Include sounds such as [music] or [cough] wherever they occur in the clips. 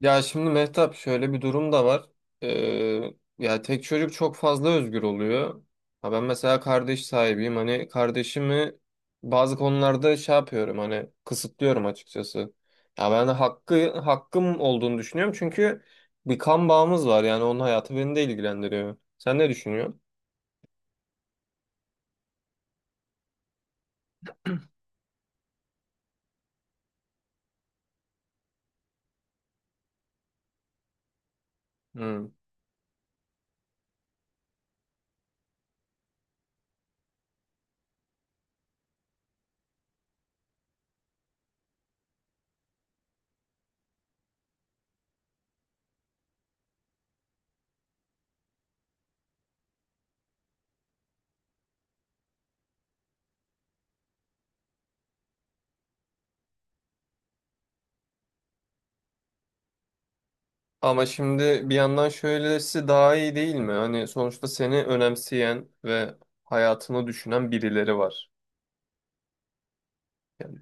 Ya şimdi Mehtap şöyle bir durum da var. Ee, ya tek çocuk çok fazla özgür oluyor. Ha ben mesela kardeş sahibiyim. Hani kardeşimi bazı konularda şey yapıyorum hani kısıtlıyorum açıkçası. Ya ben de hakkım olduğunu düşünüyorum çünkü bir kan bağımız var yani onun hayatı beni de ilgilendiriyor. Sen ne düşünüyorsun? Hmm. Ama şimdi bir yandan şöylesi daha iyi değil mi? Hani sonuçta seni önemseyen ve hayatını düşünen birileri var. Yani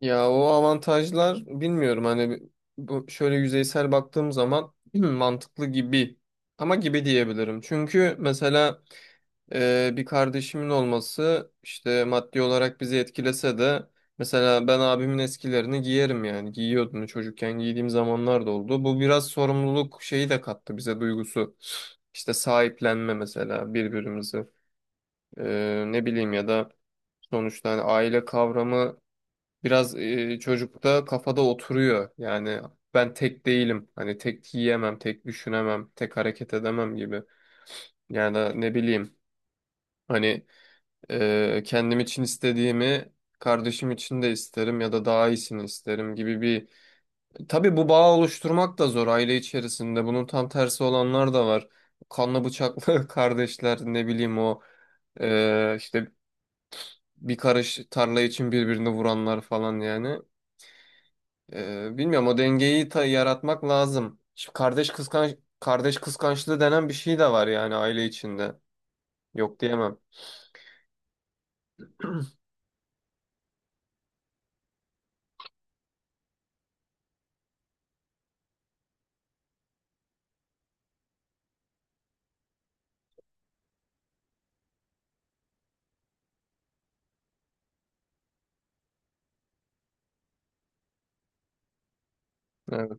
ya o avantajlar bilmiyorum hani bu şöyle yüzeysel baktığım zaman [clears throat] hmm, mantıklı gibi ama gibi diyebilirim. Çünkü mesela bir kardeşimin olması işte maddi olarak bizi etkilese de mesela ben abimin eskilerini giyerim yani giyiyordum çocukken giydiğim zamanlar da oldu. Bu biraz sorumluluk şeyi de kattı bize duygusu. İşte sahiplenme mesela birbirimizi. Ne bileyim ya da sonuçta hani aile kavramı biraz çocukta kafada oturuyor. Yani ben tek değilim. Hani tek yiyemem, tek düşünemem, tek hareket edemem gibi. Yani da ne bileyim hani kendim için istediğimi kardeşim için de isterim ya da daha iyisini isterim gibi bir... Tabii bu bağ oluşturmak da zor aile içerisinde. Bunun tam tersi olanlar da var. Kanlı bıçaklı [laughs] kardeşler ne bileyim o işte bir karış tarla için birbirini vuranlar falan yani. Bilmiyorum o dengeyi yaratmak lazım. Şimdi kardeş kıskançlığı denen bir şey de var yani aile içinde. Yok diyemem. Evet,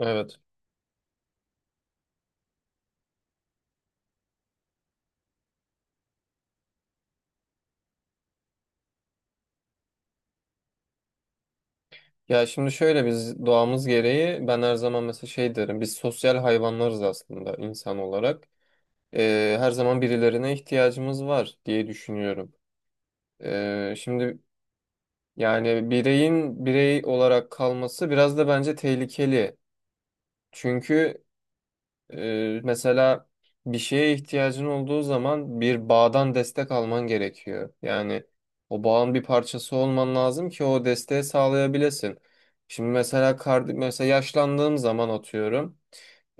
evet. Ya şimdi şöyle biz doğamız gereği ben her zaman mesela şey derim biz sosyal hayvanlarız aslında insan olarak. Her zaman birilerine ihtiyacımız var diye düşünüyorum. Şimdi yani bireyin birey olarak kalması biraz da bence tehlikeli. Çünkü mesela bir şeye ihtiyacın olduğu zaman bir bağdan destek alman gerekiyor. Yani o bağın bir parçası olman lazım ki o desteği sağlayabilesin. Şimdi mesela mesela yaşlandığım zaman atıyorum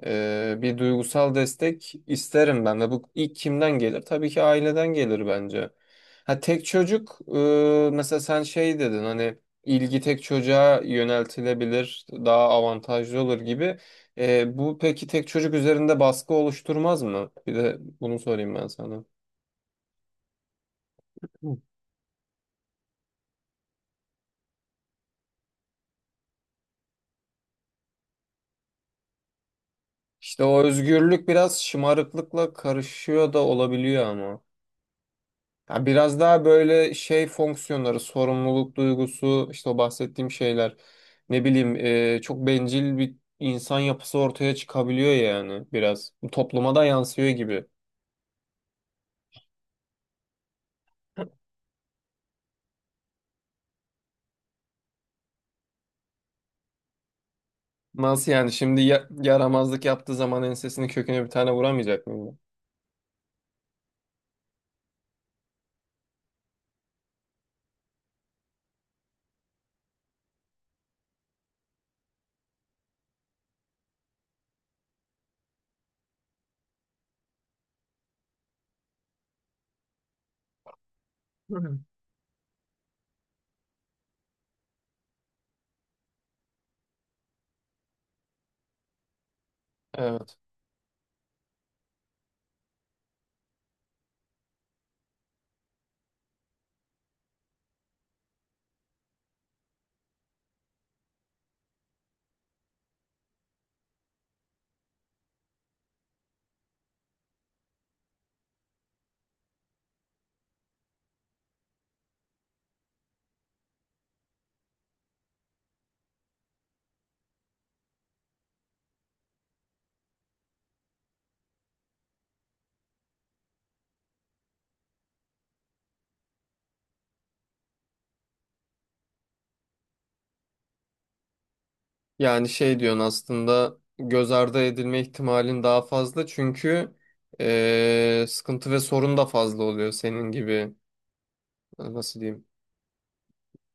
bir duygusal destek isterim ben de. Bu ilk kimden gelir? Tabii ki aileden gelir bence. Ha tek çocuk mesela sen şey dedin hani ilgi tek çocuğa yöneltilebilir daha avantajlı olur gibi. Bu peki tek çocuk üzerinde baskı oluşturmaz mı? Bir de bunu sorayım ben sana. Hı. İşte o özgürlük biraz şımarıklıkla karışıyor da olabiliyor ama. Ya biraz daha böyle şey fonksiyonları, sorumluluk duygusu, işte o bahsettiğim şeyler. Ne bileyim, çok bencil bir insan yapısı ortaya çıkabiliyor yani biraz. Topluma da yansıyor gibi. Nasıl yani şimdi yaramazlık yaptığı zaman ensesini köküne bir tane vuramayacak mıyım? Evet. Yani şey diyorsun aslında göz ardı edilme ihtimalin daha fazla çünkü sıkıntı ve sorun da fazla oluyor senin gibi, nasıl diyeyim,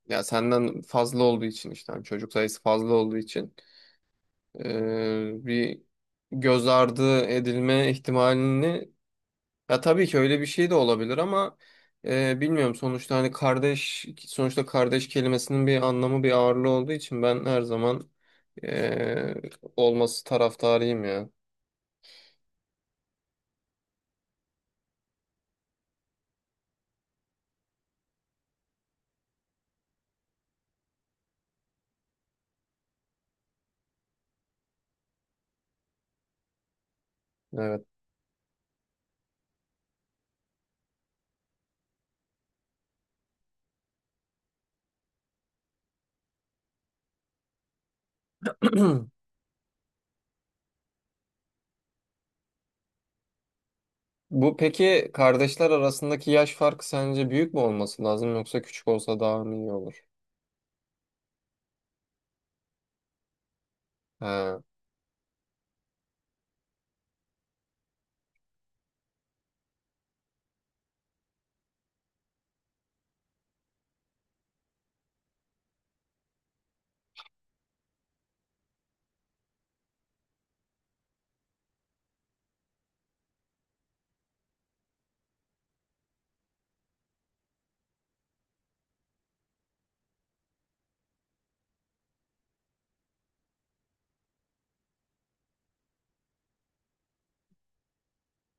ya senden fazla olduğu için işte hani çocuk sayısı fazla olduğu için bir göz ardı edilme ihtimalini. Ya tabii ki öyle bir şey de olabilir ama bilmiyorum sonuçta hani kardeş kelimesinin bir anlamı bir ağırlığı olduğu için ben her zaman eee, olması taraftarıyım ya. Evet. [clears throat] Bu peki kardeşler arasındaki yaş farkı sence büyük mü olması lazım yoksa küçük olsa daha mı iyi olur? Ha.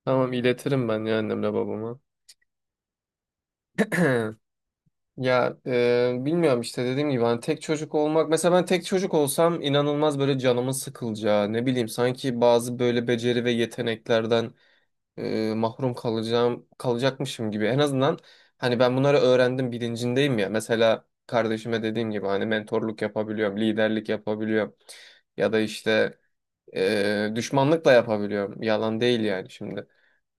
Tamam iletirim ben ya annemle babama. [clears throat] Ya bilmiyorum işte dediğim gibi hani tek çocuk olmak, mesela ben tek çocuk olsam inanılmaz böyle canımın sıkılacağı, ne bileyim, sanki bazı böyle beceri ve yeteneklerden mahrum kalacakmışım gibi. En azından hani ben bunları öğrendim bilincindeyim ya. Mesela kardeşime dediğim gibi hani mentorluk yapabiliyorum, liderlik yapabiliyorum ya da işte düşmanlık da yapabiliyorum. Yalan değil yani şimdi.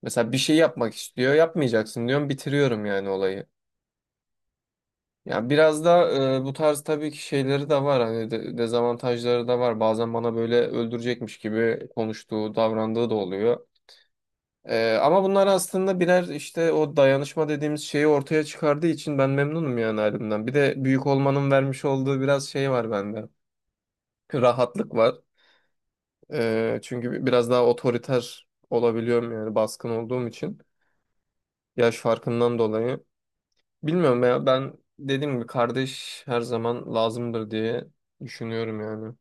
Mesela bir şey yapmak istiyor, yapmayacaksın diyorum, bitiriyorum yani olayı. Ya biraz da bu tarz tabii ki şeyleri de var hani dezavantajları da var. Bazen bana böyle öldürecekmiş gibi konuştuğu, davrandığı da oluyor. Ama bunlar aslında birer işte o dayanışma dediğimiz şeyi ortaya çıkardığı için ben memnunum yani halimden. Bir de büyük olmanın vermiş olduğu biraz şey var bende. Rahatlık var. Çünkü biraz daha otoriter olabiliyorum yani baskın olduğum için. Yaş farkından dolayı. Bilmiyorum ya ben dediğim gibi kardeş her zaman lazımdır diye düşünüyorum yani.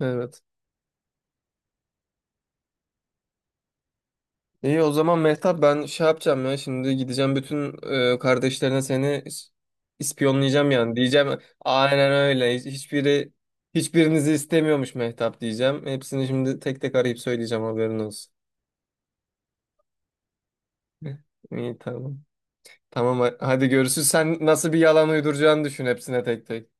Evet. İyi o zaman Mehtap ben şey yapacağım ya şimdi gideceğim bütün kardeşlerine seni ispiyonlayacağım yani diyeceğim aynen öyle. Hiçbiri hiçbirinizi istemiyormuş Mehtap diyeceğim. Hepsini şimdi tek tek arayıp söyleyeceğim haberin olsun. [laughs] İyi tamam. Tamam hadi görüşürüz. Sen nasıl bir yalan uyduracağını düşün hepsine tek tek.